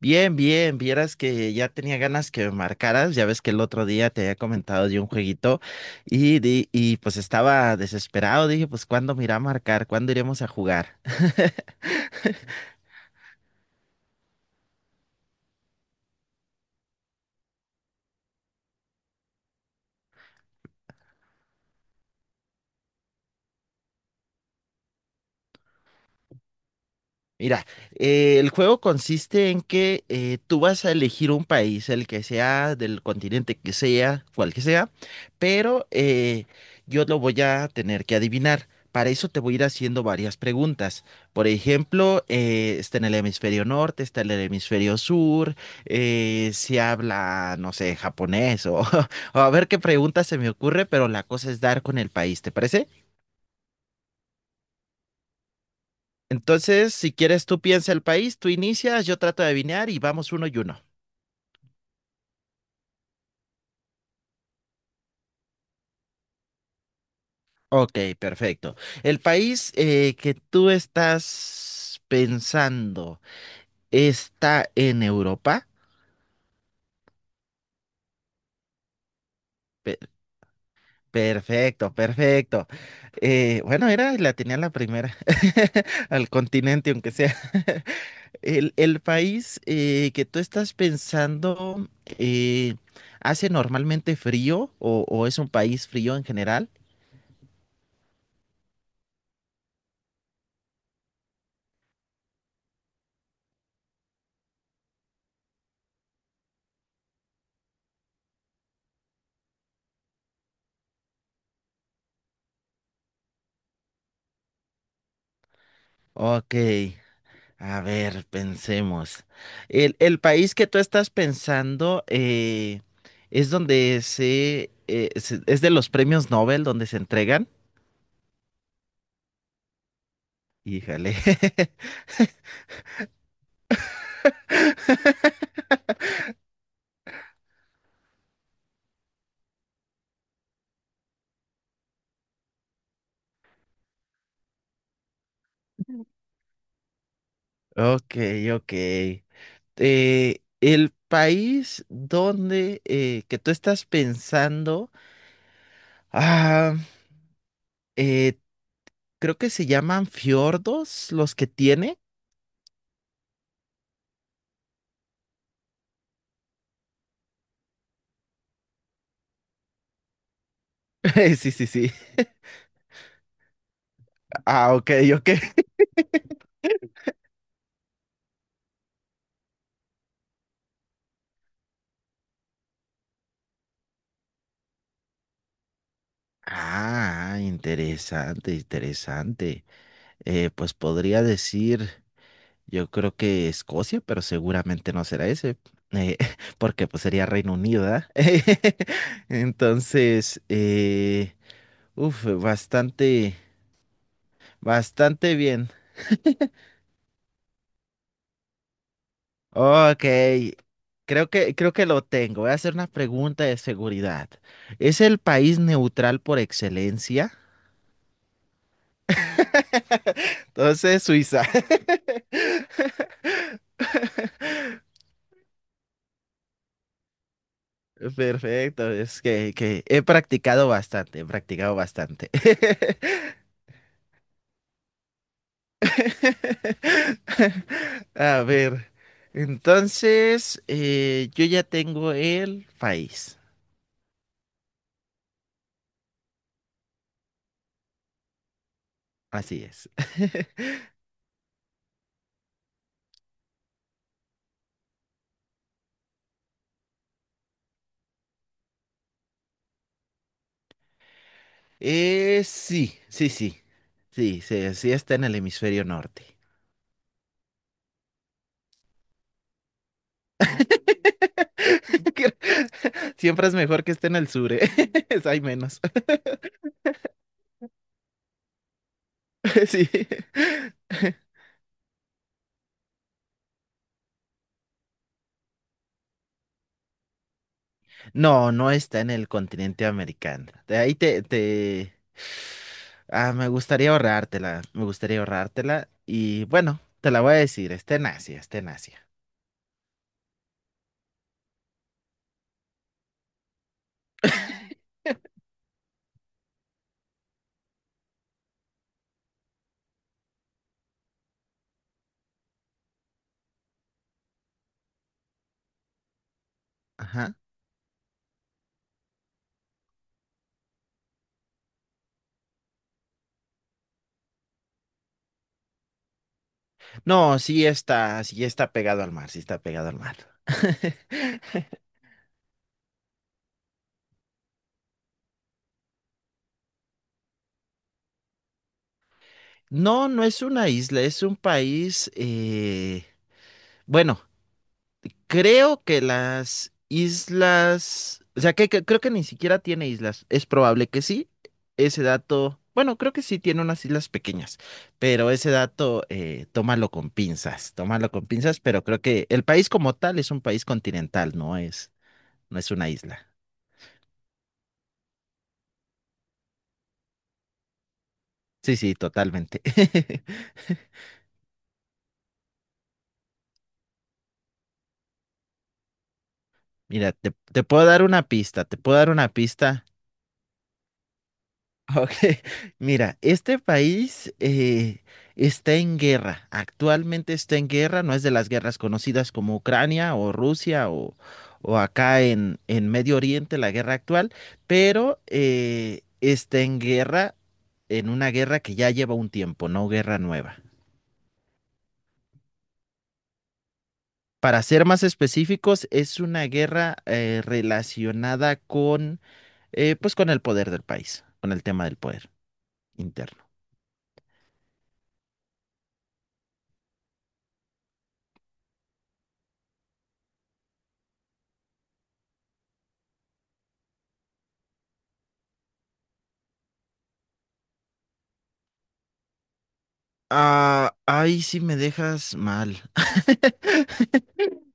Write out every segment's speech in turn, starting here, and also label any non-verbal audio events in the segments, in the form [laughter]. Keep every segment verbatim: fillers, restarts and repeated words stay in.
Bien, bien, vieras que ya tenía ganas que me marcaras, ya ves que el otro día te había comentado de un jueguito y, di- y pues estaba desesperado, dije, pues ¿cuándo me irá a marcar? ¿Cuándo iremos a jugar? Mira, eh, el juego consiste en que eh, tú vas a elegir un país, el que sea, del continente que sea, cual que sea, pero eh, yo lo voy a tener que adivinar. Para eso te voy a ir haciendo varias preguntas. Por ejemplo, eh, está en el hemisferio norte, está en el hemisferio sur, eh, si habla, no sé, japonés o, [laughs] o a ver qué pregunta se me ocurre, pero la cosa es dar con el país, ¿te parece? Entonces, si quieres, tú piensa el país, tú inicias, yo trato de adivinar y vamos uno y uno. Ok, perfecto. El país eh, que tú estás pensando está en Europa. Pe- Perfecto, perfecto. Eh, bueno, era, la tenía la primera, [laughs] al continente, aunque sea. [laughs] El, el país eh, que tú estás pensando, eh, hace normalmente frío o, o es un país frío en general. Ok. A ver, pensemos. El, el país que tú estás pensando eh, es donde se, eh, se- es de los premios Nobel donde se entregan. Híjale. [laughs] Ok, ok. Eh, el país donde eh, que tú estás pensando, ah, eh, creo que se llaman fiordos los que tiene. [laughs] Sí, sí, sí. Ah, ok, ok. [laughs] Ah, interesante, interesante. Eh, pues podría decir, yo creo que Escocia, pero seguramente no será ese, eh, [laughs] porque pues sería Reino Unido, ¿verdad? [laughs] Entonces, eh, uf, bastante, bastante bien. Ok, creo que, creo que lo tengo. Voy a hacer una pregunta de seguridad. ¿Es el país neutral por excelencia? [laughs] Entonces, Suiza. [laughs] Perfecto, es que, que he practicado bastante, he practicado bastante. [laughs] [laughs] A ver, entonces eh, yo ya tengo el país. Así es. [laughs] Eh, sí, sí, sí. Sí, sí, sí está en el hemisferio norte. [laughs] Que- [laughs] Siempre es mejor que esté en el sur, ¿eh? [laughs] Hay menos. [laughs] Sí. [laughs] No, no está en el continente americano. De ahí te, te... Ah, me gustaría ahorrártela, me gustaría ahorrártela. Y bueno, te la voy a decir, está en Asia, está en Asia. Ajá. No, sí está, sí está pegado al mar, sí está pegado al mar. [laughs] No, no es una isla, es un país, eh, bueno, creo que las islas, o sea, que, que creo que ni siquiera tiene islas. Es probable que sí. Ese dato, bueno, creo que sí tiene unas islas pequeñas, pero ese dato, eh, tómalo con pinzas, tómalo con pinzas, pero creo que el país como tal es un país continental, no es, no es una isla. Sí, sí, totalmente. [laughs] Mira, te, te puedo dar una pista, te puedo dar una pista. Ok, [laughs] mira, este país eh, está en guerra, actualmente está en guerra, no es de las guerras conocidas como Ucrania o Rusia o, o acá en, en Medio Oriente, la guerra actual, pero eh, está en guerra, en una guerra que ya lleva un tiempo, no guerra nueva. Para ser más específicos, es una guerra eh, relacionada con, eh, pues con el poder del país, con el tema del poder interno. Ah, ahí sí me dejas mal. [laughs]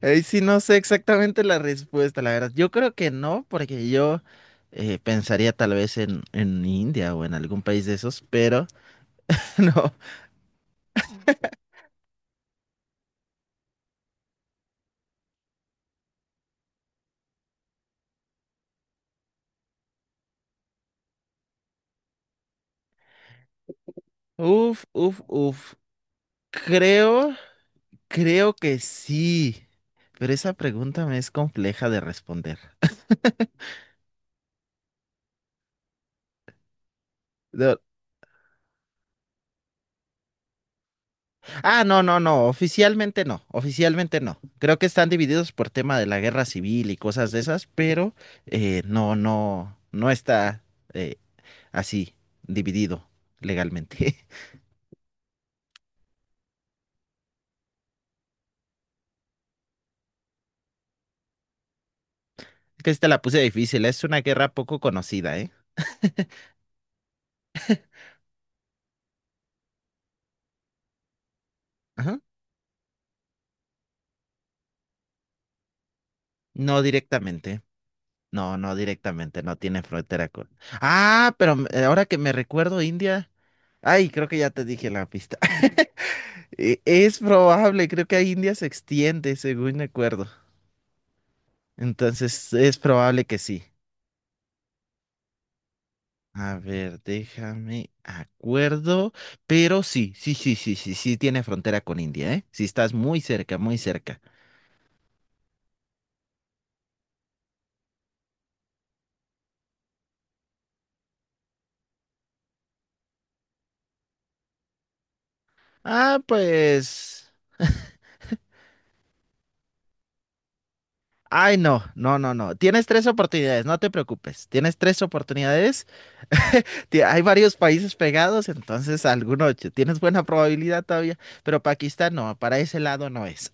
Ahí sí no sé exactamente la respuesta, la verdad. Yo creo que no, porque yo eh, pensaría tal vez en, en India o en algún país de esos, pero [laughs] no. Uf, uf, uf. Creo, creo que sí. Pero esa pregunta me es compleja de responder. [laughs] No, ah, no, no, no, oficialmente no, oficialmente no. Creo que están divididos por tema de la guerra civil y cosas de esas, pero eh, no, no, no está eh, así dividido legalmente. [laughs] Es que esta la puse difícil, es una guerra poco conocida, ¿eh? Ajá. No directamente, no, no directamente, no tiene frontera con... Ah, pero m- eh, ahora que me recuerdo, India... Ay, creo que ya te dije la pista. [laughs] E- Es probable, creo que a India se extiende, según me acuerdo. Entonces es probable que sí. A ver, déjame acuerdo, pero sí, sí, sí, sí, sí, sí tiene frontera con India, ¿eh? Sí estás muy cerca, muy cerca. Ah, pues... Ay, no, no, no, no. Tienes tres oportunidades, no te preocupes. Tienes tres oportunidades. Ti- Hay varios países pegados, entonces alguno ch- tienes buena probabilidad todavía, pero Pakistán no, para ese lado no es.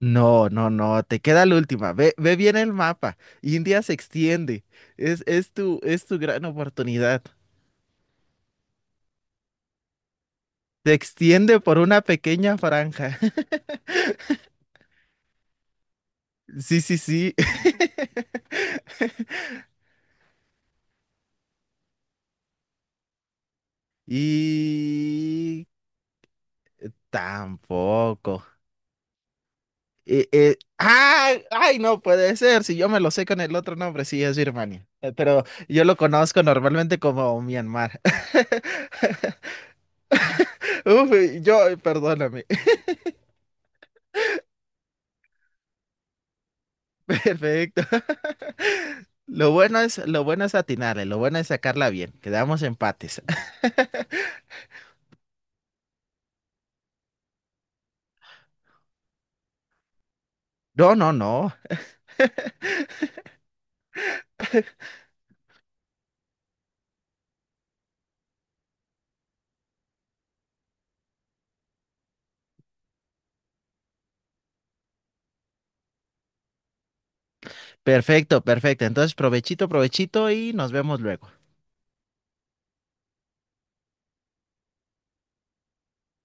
No, no, no, te queda la última. Ve, ve bien el mapa. India se extiende. Es, es tu, es tu gran oportunidad. Se extiende por una pequeña franja. [laughs] Sí, sí, sí. [laughs] Y tampoco. Eh, eh, ¡ah! Ay, no puede ser. Si yo me lo sé con el otro nombre, sí, es Birmania. Eh, Pero yo lo conozco normalmente como Myanmar. [laughs] Uf, yo, perdóname. Perfecto. [laughs] Lo bueno es, lo bueno es atinarle, lo bueno es sacarla bien. Quedamos empates. [laughs] No, no, no. Perfecto, perfecto. Entonces, provechito, provechito y nos vemos luego.